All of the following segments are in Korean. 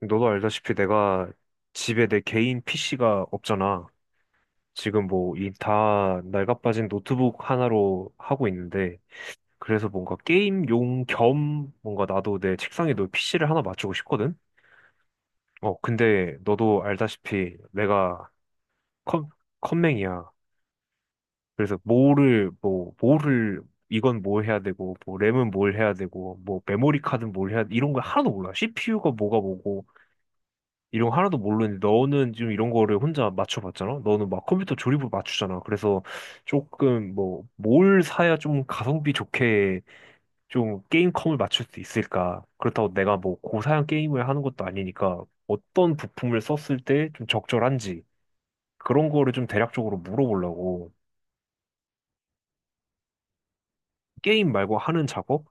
너도 알다시피 내가 집에 내 개인 PC가 없잖아. 지금 뭐 이 다 낡아빠진 노트북 하나로 하고 있는데, 그래서 뭔가 게임용 겸 뭔가 나도 내 책상에 너 PC를 하나 맞추고 싶거든? 어, 근데 너도 알다시피 내가 컴, 컴맹이야. 그래서 뭐를 이건 뭘 해야 되고, 뭐 램은 뭘 해야 되고, 뭐 메모리 카드는 뭘 해야, 이런 거 하나도 몰라. CPU가 뭐가 뭐고 이런 거 하나도 모르는데, 너는 지금 이런 거를 혼자 맞춰봤잖아? 너는 막 컴퓨터 조립으로 맞추잖아. 그래서 조금 뭐 뭘 사야 좀 가성비 좋게 좀 게임컴을 맞출 수 있을까? 그렇다고 내가 뭐 고사양 게임을 하는 것도 아니니까, 어떤 부품을 썼을 때 좀 적절한지 그런 거를 좀 대략적으로 물어보려고. 게임 말고 하는 작업?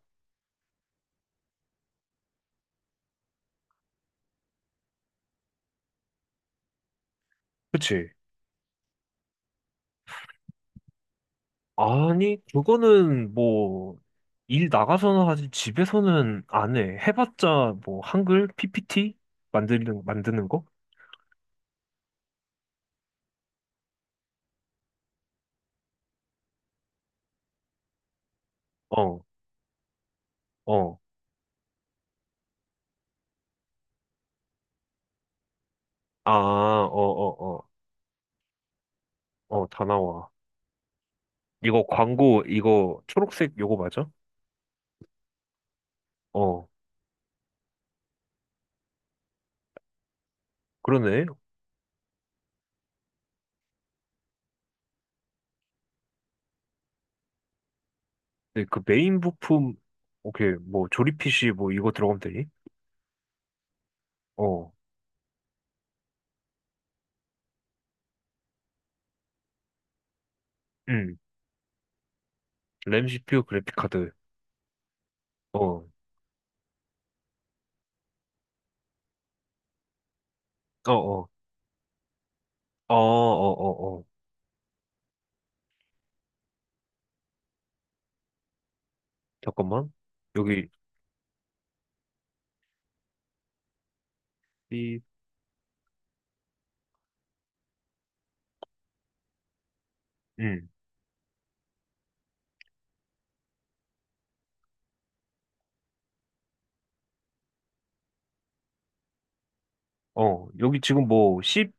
그치? 아니, 그거는 뭐, 일 나가서는 하지, 집에서는 안 해. 해봤자 뭐, 한글? PPT? 만드는 거? 어, 어. 아, 어, 어, 어. 어, 다 나와. 이거 광고, 이거 초록색 요거 맞아? 어, 그러네. 근데 그 메인 부품, 오케이, 뭐, 조립 PC 뭐, 이거 들어가면 되니? 어, 음. 램, CPU, 그래픽 카드. 어, 어, 어. 어, 어, 어, 어. 잠깐만. 여기, 이, 음. 어, 여기 지금 뭐,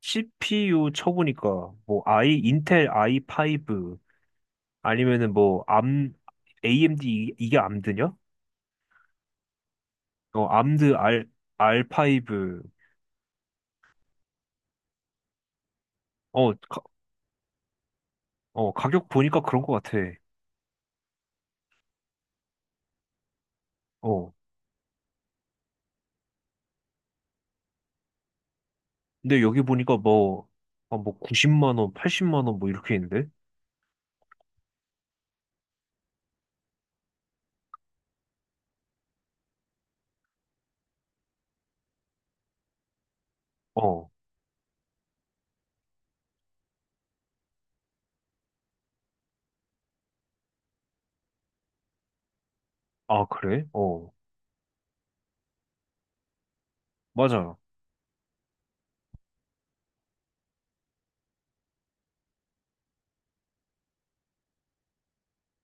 CPU 쳐보니까 뭐, 인텔 i5, 아니면은 뭐, AMD. 이게 암드냐? 어, R5. 어, 어, 가격 보니까 그런 것 같아. 어. 근데 여기 보니까 뭐, 아, 뭐, 90만 원, 80만 원, 뭐, 이렇게 있는데? 어. 아, 그래? 어. 맞아.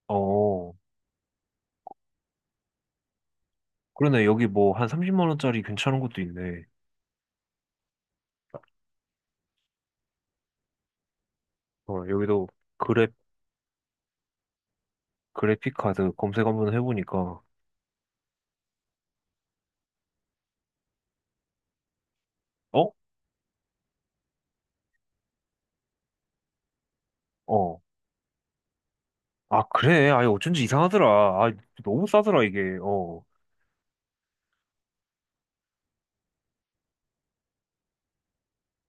어. 그러네. 여기 뭐, 한 30만 원짜리 괜찮은 것도 있네. 어, 여기도 그래 그래픽 카드 검색 한번 해보니까. 어? 어. 아, 그래. 아, 어쩐지 이상하더라. 아, 너무 싸더라, 이게. 어,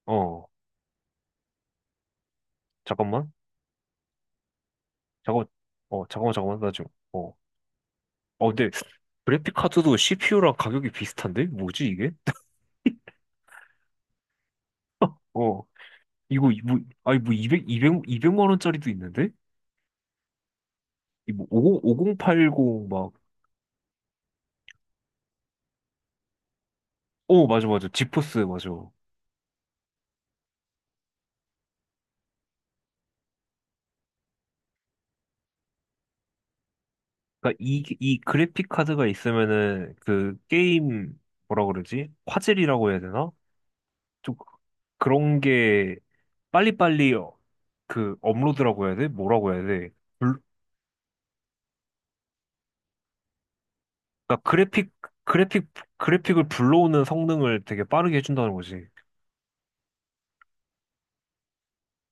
어. 잠깐만. 잠깐만. 어, 잠깐만, 잠깐만. 나 지금. 어. 어, 근데 그래픽 카드도 CPU랑 가격이 비슷한데? 뭐지, 이게? 어. 이거, 뭐, 아니, 뭐, 200, 백 이백 만 원짜리도 있는데? 이 뭐, 50, 오공 8 0 막. 어, 맞아, 맞아. 지포스, 맞아. 그니까, 이 그래픽 카드가 있으면은, 그, 게임, 뭐라 그러지? 화질이라고 해야 되나? 좀 그런 게 빨리빨리, 어, 그 업로드라고 해야 돼? 뭐라고 해야 돼? 불, 그러니까 그래픽 그래픽을 불러오는 성능을 되게 빠르게 해준다는 거지.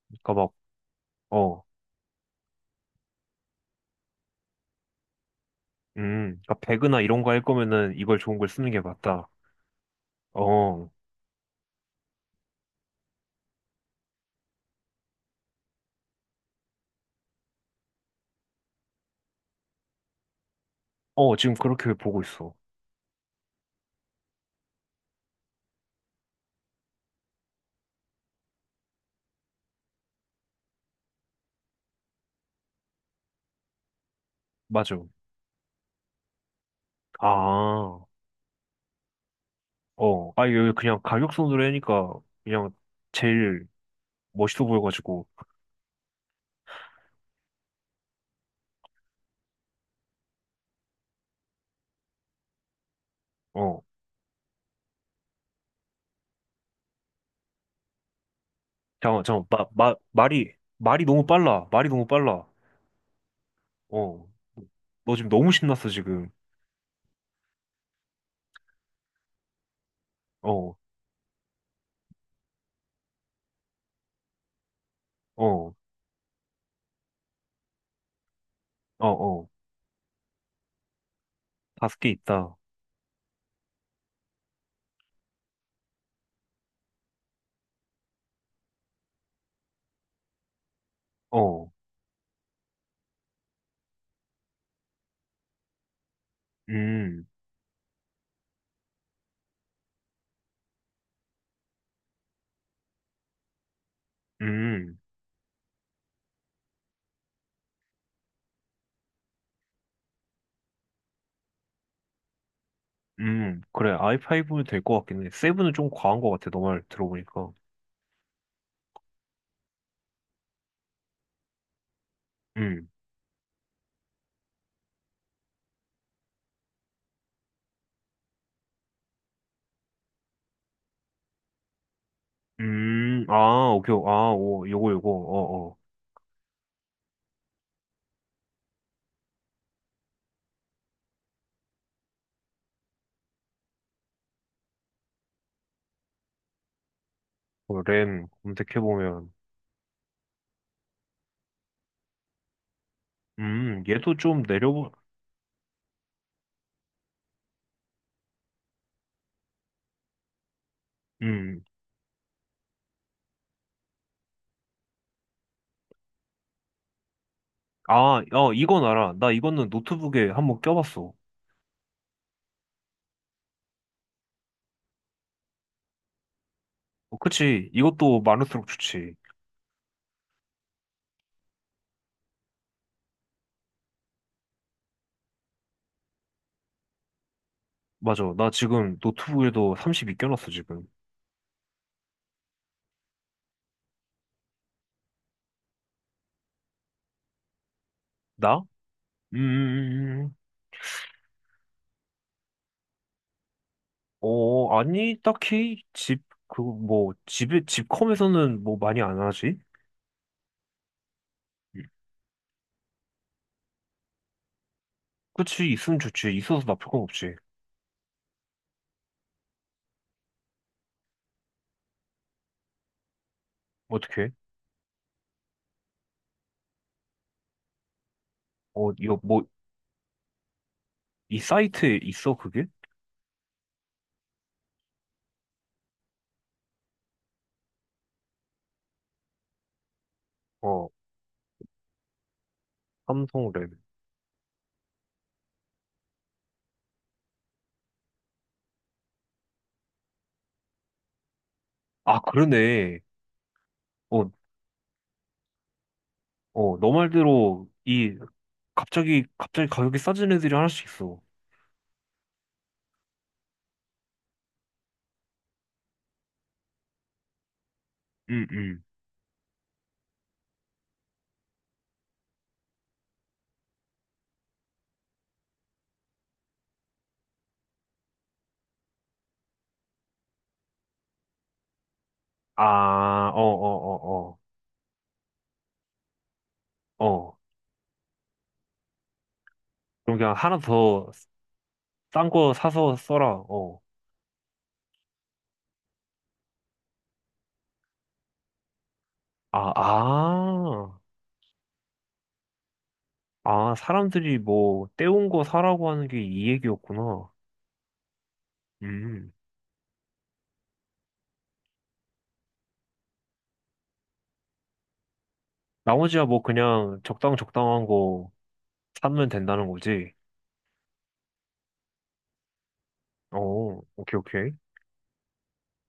그러니까 막 어, 그러니까 배그나 이런 거 할 거면은 이걸 좋은 걸 쓰는 게 맞다. 어, 어, 지금 그렇게 보고 있어. 맞아. 아, 어, 아, 이거 그냥 가격선으로 하니까 그냥 제일 멋있어 보여가지고. 어, 잠깐 잠깐 말이 너무 빨라. 말이 너무 빨라. 어. 너 지금 너무 신났어, 지금. 어, 어, 어, 어. 다섯 개 있다. 어, 음, 음, 그래, i5는 될 것 같긴 해. 7은 좀 과한 것 같아, 너말 들어보니까. 음, 아, 오케이, 아, 오, 요거, 요거, 어, 어. 어, 램 검색해보면. 얘도 좀 내려보, 음. 아, 어, 이건 알아. 나 이거는 노트북에 한번 껴봤어. 어, 그치, 이것도 많을수록 좋지. 맞아, 나 지금 노트북에도 32 껴놨어, 지금. 나? 음, 어, 아니, 딱히 뭐, 집컴에서는 뭐 많이 안 하지? 음. 그치, 있으면 좋지. 있어서 나쁠 건 없지. 어떻게? 어, 이거 뭐, 이 사이트에 있어, 그게? 어, 삼성 랩. 아, 그러네. 어, 어, 너 말대로, 이, 갑자기 가격이 싸진 애들이 하나씩 있어. 응응. 아, 어, 어, 어, 어, 어. 그럼 그냥 하나 더 싼 거 사서 써라, 어. 아, 아. 아, 사람들이 뭐 때운 거 사라고 하는 게 이 얘기였구나. 음. 나머지야 뭐 그냥 적당한 거 사면 된다는 거지. 어, 오케이, 오케이.